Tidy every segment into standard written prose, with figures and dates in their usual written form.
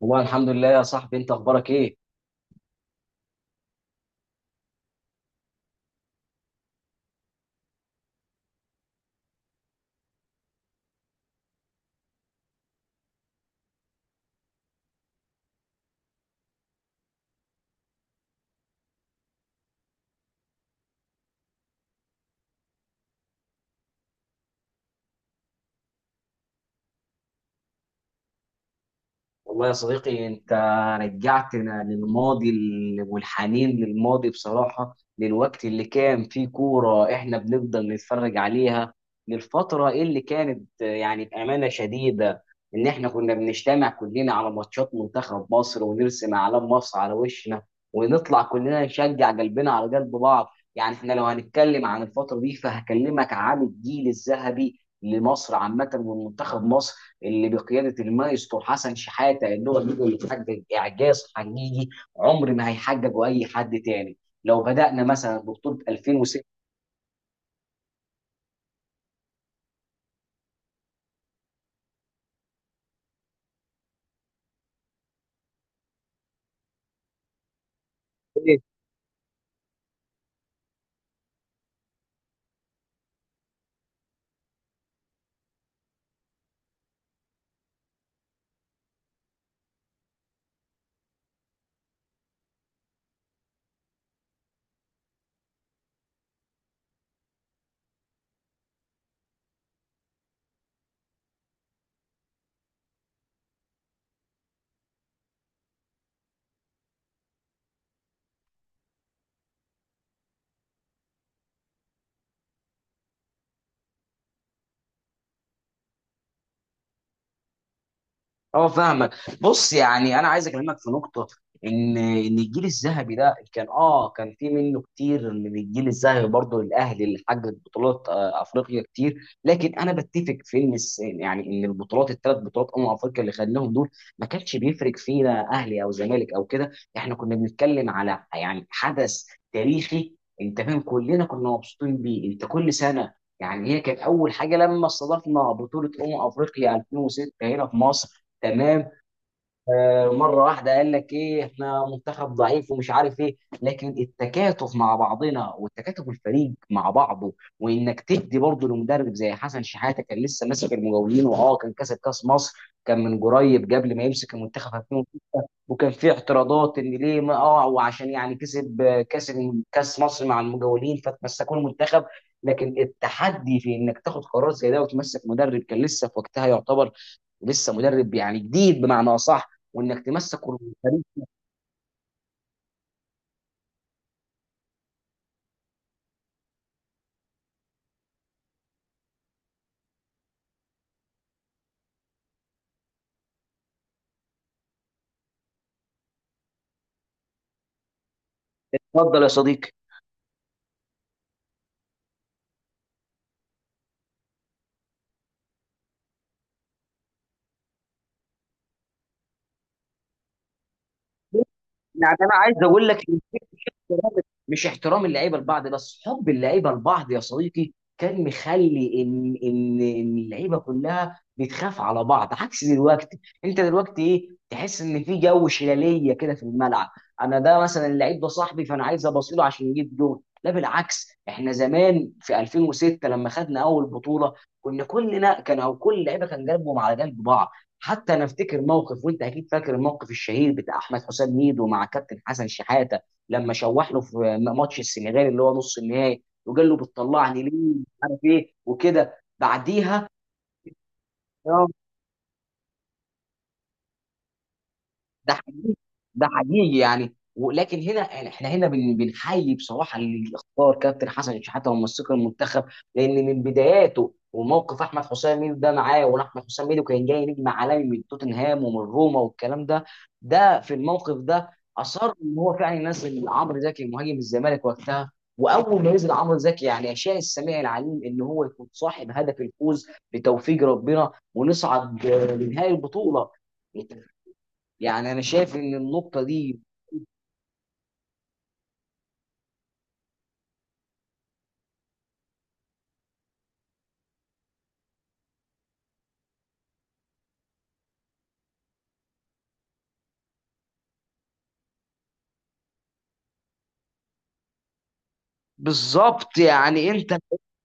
والله الحمد لله يا صاحبي، انت اخبارك ايه؟ والله يا صديقي، انت رجعتنا للماضي والحنين للماضي بصراحة، للوقت اللي كان فيه كورة احنا بنفضل نتفرج عليها. للفترة اللي كانت يعني بأمانة شديدة ان احنا كنا بنجتمع كلنا على ماتشات منتخب مصر ونرسم اعلام مصر على وشنا، ونطلع كلنا نشجع قلبنا على قلب بعض. يعني احنا لو هنتكلم عن الفترة دي فهكلمك عن الجيل الذهبي لمصر عامة ومنتخب مصر اللي بقياده المايسترو حسن شحاته، ان هو النجم اللي حقق اعجاز حقيقي عمر ما هيحققه اي حد تاني. لو بدانا مثلا ببطوله 2006. اه، فاهمك. بص يعني انا عايز اكلمك في نقطه، ان الجيل الذهبي ده كان اه كان في منه كتير من الجيل الذهبي برضه الاهلي اللي حقق بطولات افريقيا كتير. لكن انا بتفق في ان يعني ان البطولات الثلاث بطولات افريقيا اللي خدناهم دول ما كانش بيفرق فينا اهلي او زمالك او كده. احنا كنا بنتكلم على يعني حدث تاريخي. انت فاهم، كلنا كنا مبسوطين بيه. انت كل سنه يعني هي كانت اول حاجه لما استضفنا بطوله افريقيا 2006 هنا في مصر. تمام. آه، مره واحده قال لك ايه احنا منتخب ضعيف ومش عارف ايه. لكن التكاتف مع بعضنا والتكاتف الفريق مع بعضه، وانك تدي برضه لمدرب زي حسن شحاته كان لسه ماسك المقاولين، واه كان كسب كاس مصر. كان من قريب قبل ما يمسك المنتخب 2000. وكان في اعتراضات ان ليه ما اه، وعشان يعني كسب كاس كاس مصر مع المقاولين فتمسكوا المنتخب. لكن التحدي في انك تاخد قرار زي ده وتمسك مدرب كان لسه في وقتها يعتبر، ولسه مدرب يعني جديد بمعنى اصح، وانك تمسك الفريق. اتفضل يا صديقي. يعني انا عايز اقول لك احترام- مش احترام اللعيبه لبعض بس، حب اللعيبه لبعض يا صديقي، كان مخلي ان اللعيبه كلها بتخاف على بعض عكس دلوقتي. انت دلوقتي ايه تحس ان في جو شلاليه كده في الملعب. انا ده مثلا اللعيب ده صاحبي فانا عايز ابصيله عشان يجيب جول. لا بالعكس، احنا زمان في 2006 لما خدنا اول بطوله كنا كلنا كان او كل لعيبه كان قلبهم على قلب بعض. حتى انا افتكر موقف، وانت اكيد فاكر الموقف الشهير بتاع احمد حسام ميدو مع كابتن حسن شحاته لما شوح له في ماتش السنغال اللي هو نص النهائي، وقال له بتطلعني ليه مش عارف ايه وكده بعديها. اه، ده حقيقي. ده حقيقي يعني، ولكن هنا احنا هنا بنحيي بصراحه اللي اختار كابتن حسن شحاته ومسك المنتخب. لان من بداياته وموقف احمد حسام ميدو ده معاه، وان احمد حسام ميدو كان جاي نجم عالمي من توتنهام ومن روما والكلام ده. ده في الموقف ده اصر ان هو فعلا ينزل عمرو زكي مهاجم الزمالك وقتها. واول ما نزل عمرو زكي يعني اشاء السميع العليم ان هو يكون صاحب هدف الفوز بتوفيق ربنا ونصعد لنهائي البطوله. يعني انا شايف ان النقطه دي بالظبط. يعني انت،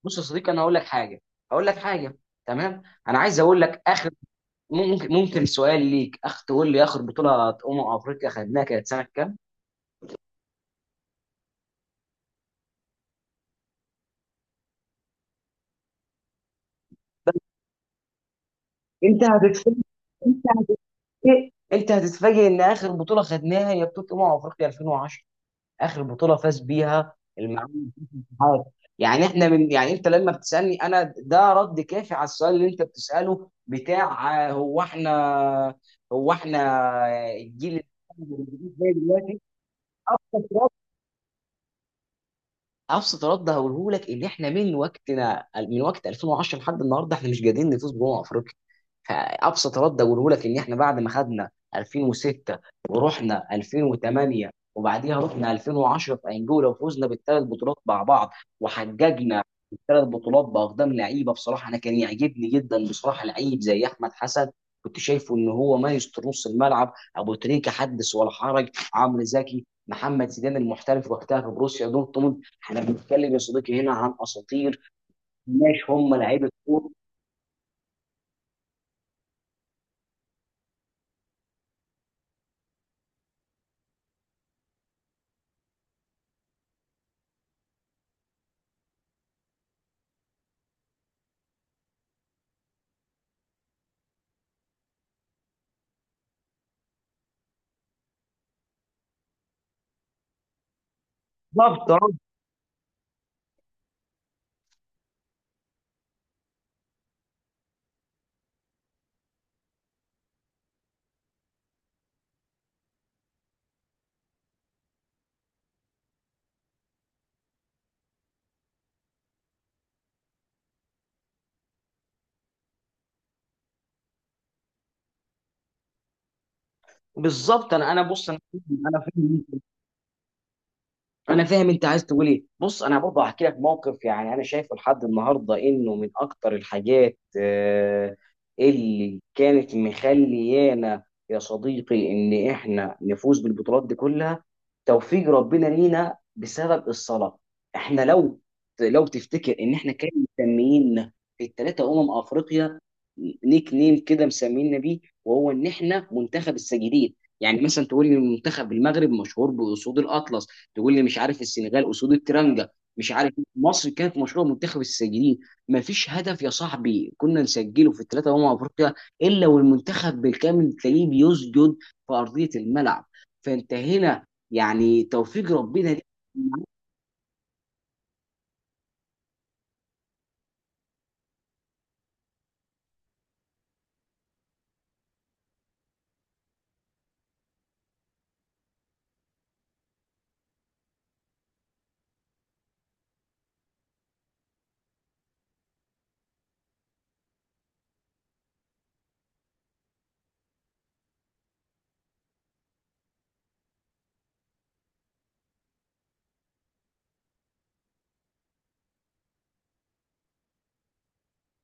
بص يا صديقي، انا هقول لك حاجه، هقول لك حاجه. تمام. انا عايز اقول لك اخر، ممكن سؤال ليك اخ تقول لي اخر بطوله افريقيا خدناها كانت سنه كام؟ انت هتتفاجئ انت انت هتتفاجئ ان اخر بطوله خدناها هي بطوله افريقيا 2010. اخر بطوله فاز بيها المعلم في الاتحاد. يعني احنا من، يعني انت لما بتسالني انا ده رد كافي على السؤال اللي انت بتساله بتاع هو احنا. هو احنا الجيل الجديد زي دلوقتي. ابسط رد هقوله لك ان احنا من وقتنا من وقت 2010 لحد النهارده احنا مش قادرين نفوز بأمم افريقيا. فابسط رد اقوله لك ان احنا بعد ما خدنا 2006 ورحنا 2008 وبعديها رحنا 2010 في انجولا، وفوزنا بالثلاث بطولات مع بعض وحججنا الثلاث بطولات باقدام لعيبه بصراحه. انا كان يعجبني جدا بصراحه لعيب زي احمد حسن، كنت شايفه ان هو مايسترو نص الملعب. ابو تريكه حدث ولا حرج. عمرو زكي، محمد زيدان المحترف وقتها في بروسيا دورتموند. احنا بنتكلم يا صديقي هنا عن اساطير، مش هم لعيبه كوره. بالظبط آه. بالظبط. انا بص انا فاهم. انا فاهم انت عايز تقول ايه. بص انا برضه هحكي لك موقف، يعني انا شايفه لحد النهارده انه من اكتر الحاجات اللي كانت مخليانا يا صديقي ان احنا نفوز بالبطولات دي كلها توفيق ربنا لينا بسبب الصلاه. احنا لو تفتكر ان احنا كان مسميين في الثلاثه افريقيا نيك نيم كده مسمينا بيه، وهو ان احنا منتخب الساجدين. يعني مثلا تقول ان منتخب المغرب مشهور باسود الاطلس، تقول لي مش عارف السنغال اسود الترنجه مش عارف إيه. مصر كانت مشروع منتخب الساجدين. ما فيش هدف يا صاحبي كنا نسجله في الثلاثه افريقيا الا والمنتخب بالكامل تلاقيه بيسجد في ارضيه الملعب. فانت هنا يعني توفيق ربنا ليك.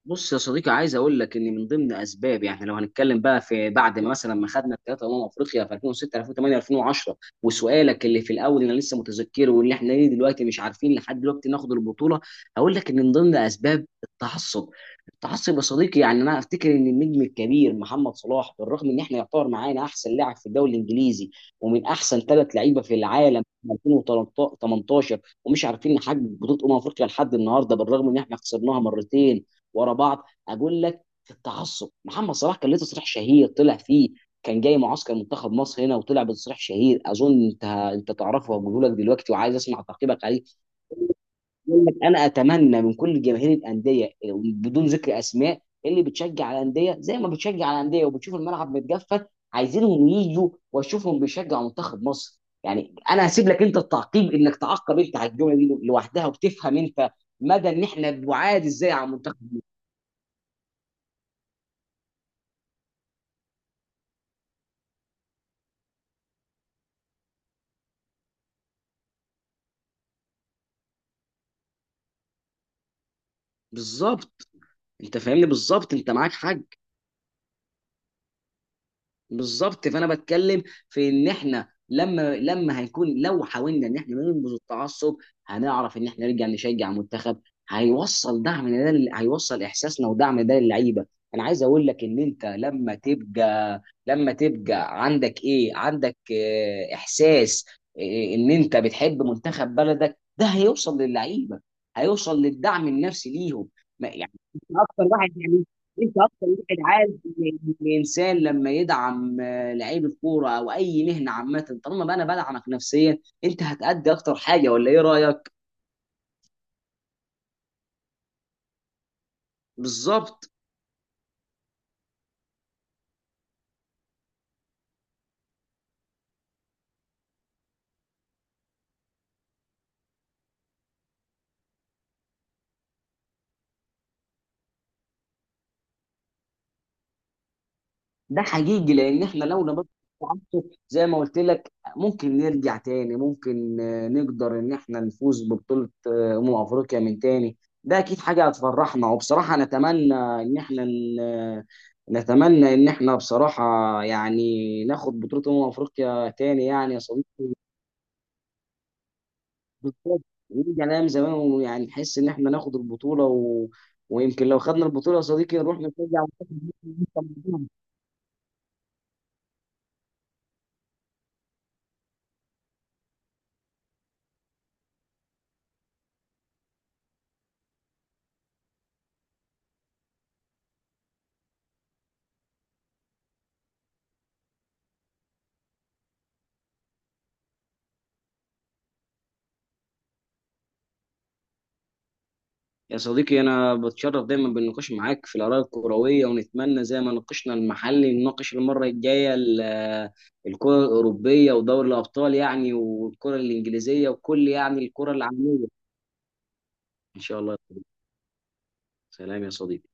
بص يا صديقي عايز اقول لك ان من ضمن اسباب، يعني لو هنتكلم بقى في بعد ما مثلا ما خدنا الثلاثه افريقيا في 2006، 2008، 2010 وسؤالك اللي في الاول انا لسه متذكره، واللي احنا ليه دلوقتي مش عارفين لحد دلوقتي ناخد البطوله، هقول لك ان من ضمن اسباب التعصب. التعصب يا صديقي، يعني انا افتكر ان النجم الكبير محمد صلاح بالرغم ان احنا يعتبر معانا احسن لاعب في الدوري الانجليزي ومن احسن ثلاث لعيبه في العالم في 2018، ومش عارفين نحقق بطوله افريقيا لحد النهارده بالرغم ان احنا خسرناها مرتين ورا بعض. اقول لك، التعصب. محمد صلاح كان ليه تصريح شهير طلع فيه كان جاي معسكر منتخب مصر هنا، وطلع بتصريح شهير اظن انت تعرفه، وهقوله لك دلوقتي وعايز اسمع تعقيبك عليه. يقول لك انا اتمنى من كل جماهير الانديه بدون ذكر اسماء اللي بتشجع الانديه زي ما بتشجع الانديه وبتشوف الملعب متجفف، عايزينهم ييجوا واشوفهم بيشجعوا منتخب مصر. يعني انا هسيب لك انت التعقيب انك تعقب انت على الجمله دي لوحدها، وتفهم انت مدى ان احنا بعاد ازاي على المنتخب. بالظبط. انت فاهمني بالظبط. انت معاك حاج. بالظبط. فانا بتكلم في ان احنا لما هيكون لو حاولنا ان احنا ننبذ التعصب هنعرف ان احنا نرجع نشجع منتخب. هيوصل دعمنا ده هيوصل احساسنا ودعم ده للعيبه. انا عايز اقول لك ان انت لما تبقى عندك ايه، عندك احساس، اه، ان انت بتحب منتخب بلدك ده هيوصل للعيبه، هيوصل للدعم النفسي ليهم. يعني انت اكتر واحد يعني، انت اكتر واحد عارف الانسان لما يدعم لعيب الكوره او اي مهنه عامه. طالما بقى انا بدعمك نفسيا انت هتأدي اكتر حاجه، ولا ايه رايك؟ بالظبط. ده حقيقي، لان احنا لو نبطل التعصب زي ما قلت لك ممكن نرجع تاني، ممكن نقدر ان احنا نفوز ببطوله افريقيا من تاني. ده اكيد حاجه هتفرحنا، وبصراحه نتمنى ان احنا نتمنى ان احنا بصراحه يعني ناخد بطوله افريقيا تاني يعني يا صديقي. بالظبط. ونرجع لأيام زمان، ويعني نحس إن إحنا ناخد البطولة و... ويمكن لو خدنا البطولة يا صديقي نروح نشجع منتخب مصر. يا صديقي، أنا بتشرف دايما بالنقاش معاك في الآراء الكروية، ونتمنى زي ما ناقشنا المحلي نناقش المرة الجاية الكرة الأوروبية ودوري الأبطال، يعني والكرة الإنجليزية وكل يعني الكرة العالمية. إن شاء الله يا صديقي. سلام يا صديقي